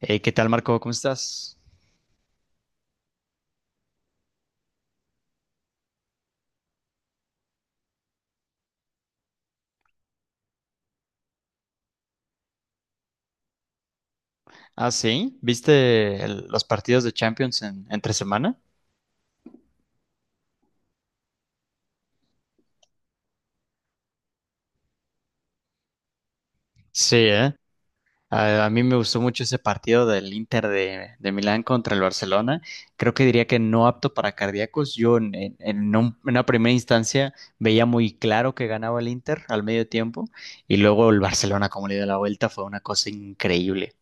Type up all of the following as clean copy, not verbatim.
¿Qué tal, Marco? ¿Cómo estás? Ah, sí. ¿Viste los partidos de Champions entre semana? Sí, ¿eh? A mí me gustó mucho ese partido del Inter de Milán contra el Barcelona. Creo que diría que no apto para cardíacos. Yo en una primera instancia veía muy claro que ganaba el Inter al medio tiempo y luego el Barcelona como le dio la vuelta fue una cosa increíble.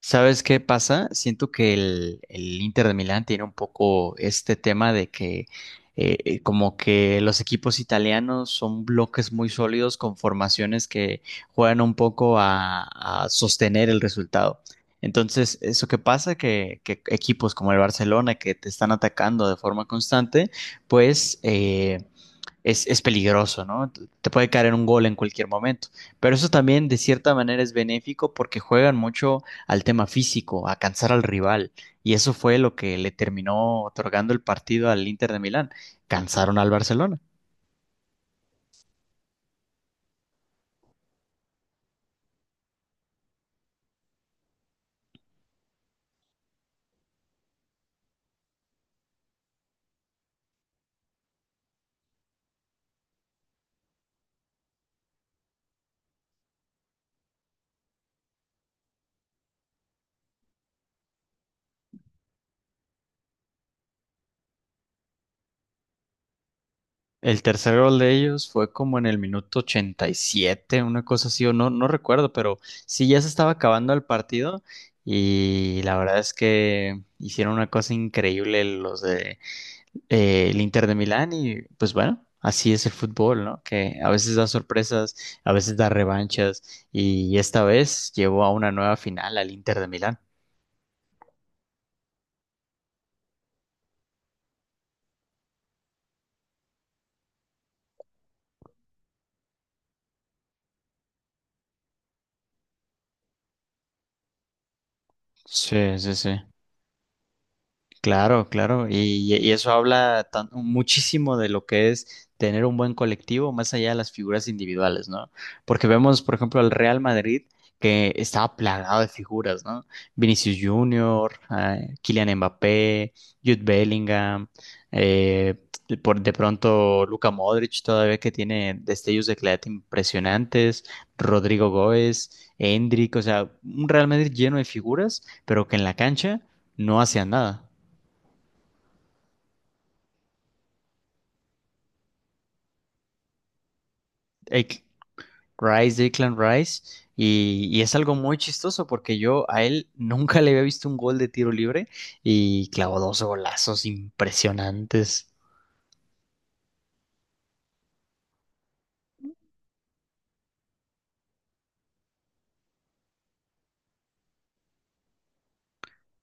¿Sabes qué pasa? Siento que el Inter de Milán tiene un poco este tema de que como que los equipos italianos son bloques muy sólidos con formaciones que juegan un poco a sostener el resultado. Entonces, eso que pasa, que equipos como el Barcelona que te están atacando de forma constante, pues... es peligroso, ¿no? Te puede caer un gol en cualquier momento. Pero eso también de cierta manera es benéfico porque juegan mucho al tema físico, a cansar al rival. Y eso fue lo que le terminó otorgando el partido al Inter de Milán. Cansaron al Barcelona. El tercer gol de ellos fue como en el minuto 87, una cosa así, o no recuerdo, pero sí ya se estaba acabando el partido y la verdad es que hicieron una cosa increíble los de el Inter de Milán y pues bueno, así es el fútbol, ¿no? Que a veces da sorpresas, a veces da revanchas y esta vez llevó a una nueva final al Inter de Milán. Sí, sí, sí. Claro, claro, y eso muchísimo de lo que es tener un buen colectivo más allá de las figuras individuales, ¿no? Porque vemos, por ejemplo, al Real Madrid que estaba plagado de figuras, ¿no? Vinicius Junior, Kylian Mbappé, Jude Bellingham, eh, por de pronto Luka Modric todavía que tiene destellos de claridad impresionantes, Rodrigo Góez, Endrick, o sea, un Real Madrid lleno de figuras, pero que en la cancha no hacían nada. Ek- Rice, Declan Rice, y es algo muy chistoso porque yo a él nunca le había visto un gol de tiro libre y clavó dos golazos impresionantes.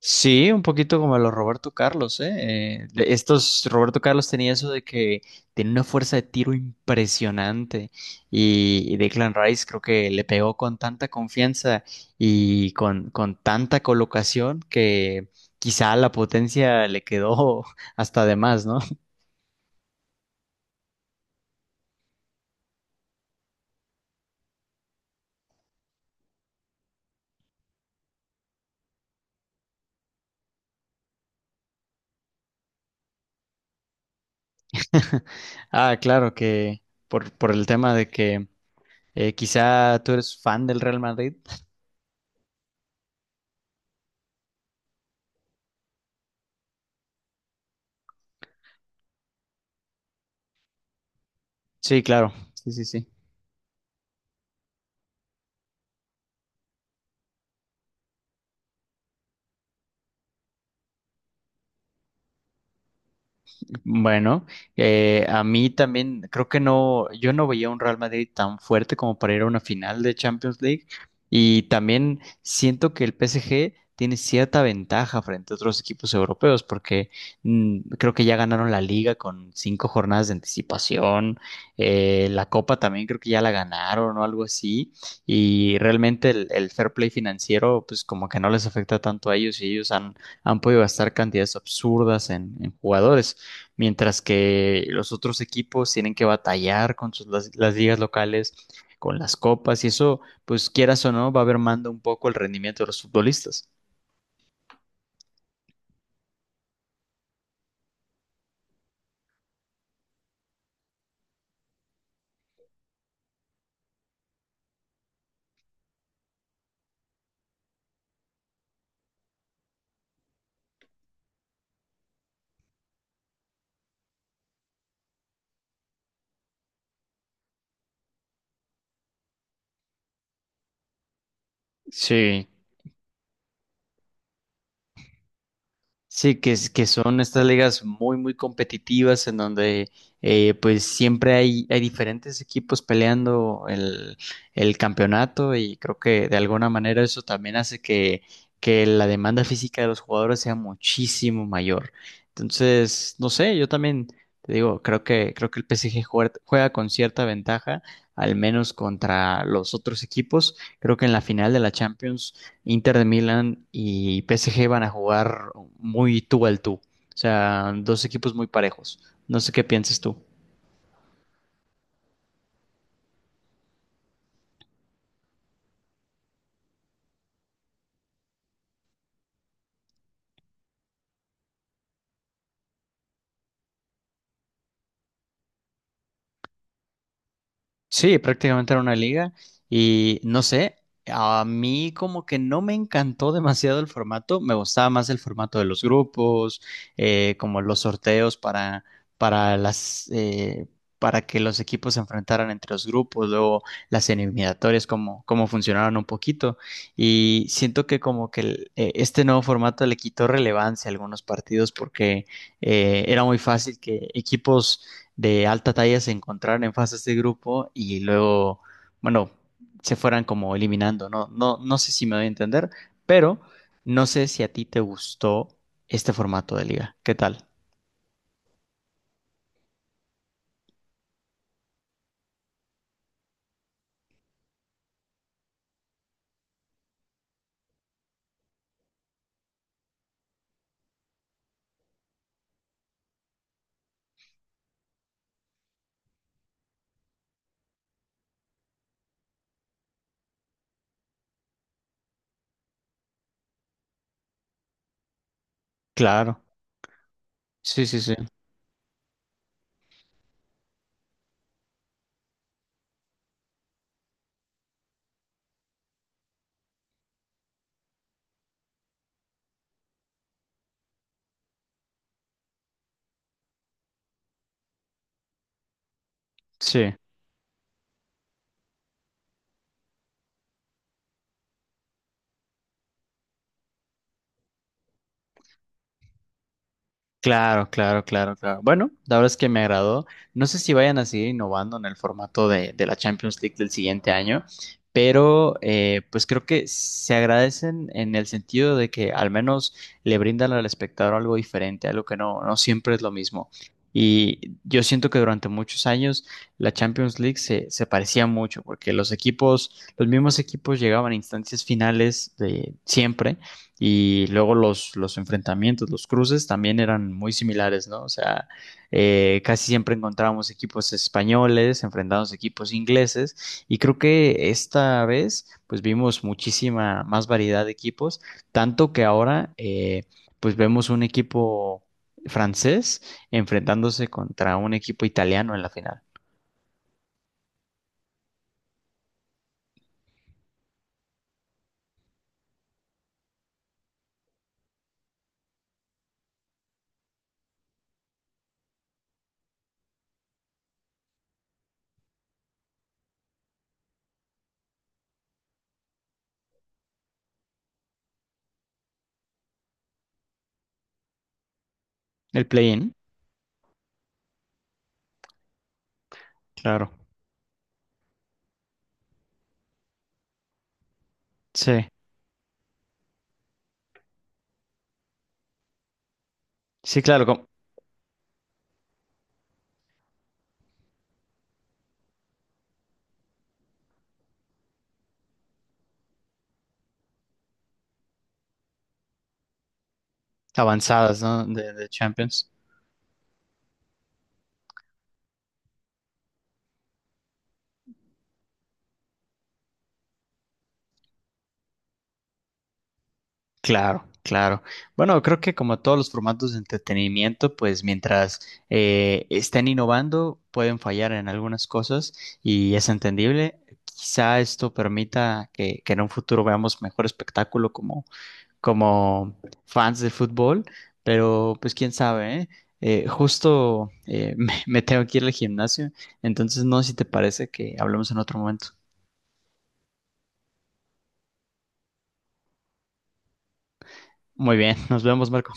Sí, un poquito como los Roberto Carlos, ¿eh? De estos, Roberto Carlos tenía eso de que tenía una fuerza de tiro impresionante y Declan Rice creo que le pegó con tanta confianza y con tanta colocación que quizá la potencia le quedó hasta de más, ¿no? Ah, claro que por el tema de que quizá tú eres fan del Real Madrid. Sí, claro. Sí, sí, sí. Bueno, a mí también creo que no, yo no veía un Real Madrid tan fuerte como para ir a una final de Champions League y también siento que el PSG tiene cierta ventaja frente a otros equipos europeos porque creo que ya ganaron la liga con 5 jornadas de anticipación, la copa también creo que ya la ganaron o algo así y realmente el fair play financiero pues como que no les afecta tanto a ellos y han podido gastar cantidades absurdas en jugadores mientras que los otros equipos tienen que batallar con las ligas locales, con las copas, y eso, pues quieras o no, va mermando un poco el rendimiento de los futbolistas. Sí. Sí, que son estas ligas muy, muy competitivas en donde pues siempre hay, hay diferentes equipos peleando el campeonato y creo que de alguna manera eso también hace que la demanda física de los jugadores sea muchísimo mayor. Entonces, no sé, yo también te digo, creo que el PSG juega con cierta ventaja, al menos contra los otros equipos. Creo que en la final de la Champions Inter de Milán y PSG van a jugar muy tú al tú. O sea, dos equipos muy parejos. No sé qué pienses tú. Sí, prácticamente era una liga y no sé, a mí como que no me encantó demasiado el formato, me gustaba más el formato de los grupos, como los sorteos para para que los equipos se enfrentaran entre los grupos, luego las eliminatorias, como cómo funcionaron un poquito y siento que como que este nuevo formato le quitó relevancia a algunos partidos porque era muy fácil que equipos de alta talla se encontraran en fases de grupo y luego, bueno, se fueran como eliminando, ¿no? No sé si me doy a entender, pero no sé si a ti te gustó este formato de liga. ¿Qué tal? Claro. Sí, sí, sí. Sí. Claro, claro, claro, claro. Bueno, la verdad es que me agradó. No sé si vayan a seguir innovando en el formato de la Champions League del siguiente año, pero pues creo que se agradecen en el sentido de que al menos le brindan al espectador algo diferente, algo que no, no siempre es lo mismo. Y yo siento que durante muchos años la Champions League se parecía mucho, porque los mismos equipos llegaban a instancias finales de siempre y luego los enfrentamientos, los cruces también eran muy similares, ¿no? O sea, casi siempre encontrábamos equipos españoles, enfrentados a equipos ingleses y creo que esta vez pues vimos muchísima más variedad de equipos, tanto que ahora pues vemos un equipo francés enfrentándose contra un equipo italiano en la final. El play-in, claro. Sí, sí, claro, como avanzadas, ¿no? De Champions. Claro, claro. Bueno, creo que como todos los formatos de entretenimiento, pues mientras estén innovando, pueden fallar en algunas cosas y es entendible. Quizá esto permita que en un futuro veamos mejor espectáculo como, como fans de fútbol, pero pues quién sabe, ¿eh? Justo me tengo que ir al gimnasio, entonces no sé si te parece que hablemos en otro momento. Muy bien, nos vemos, Marco.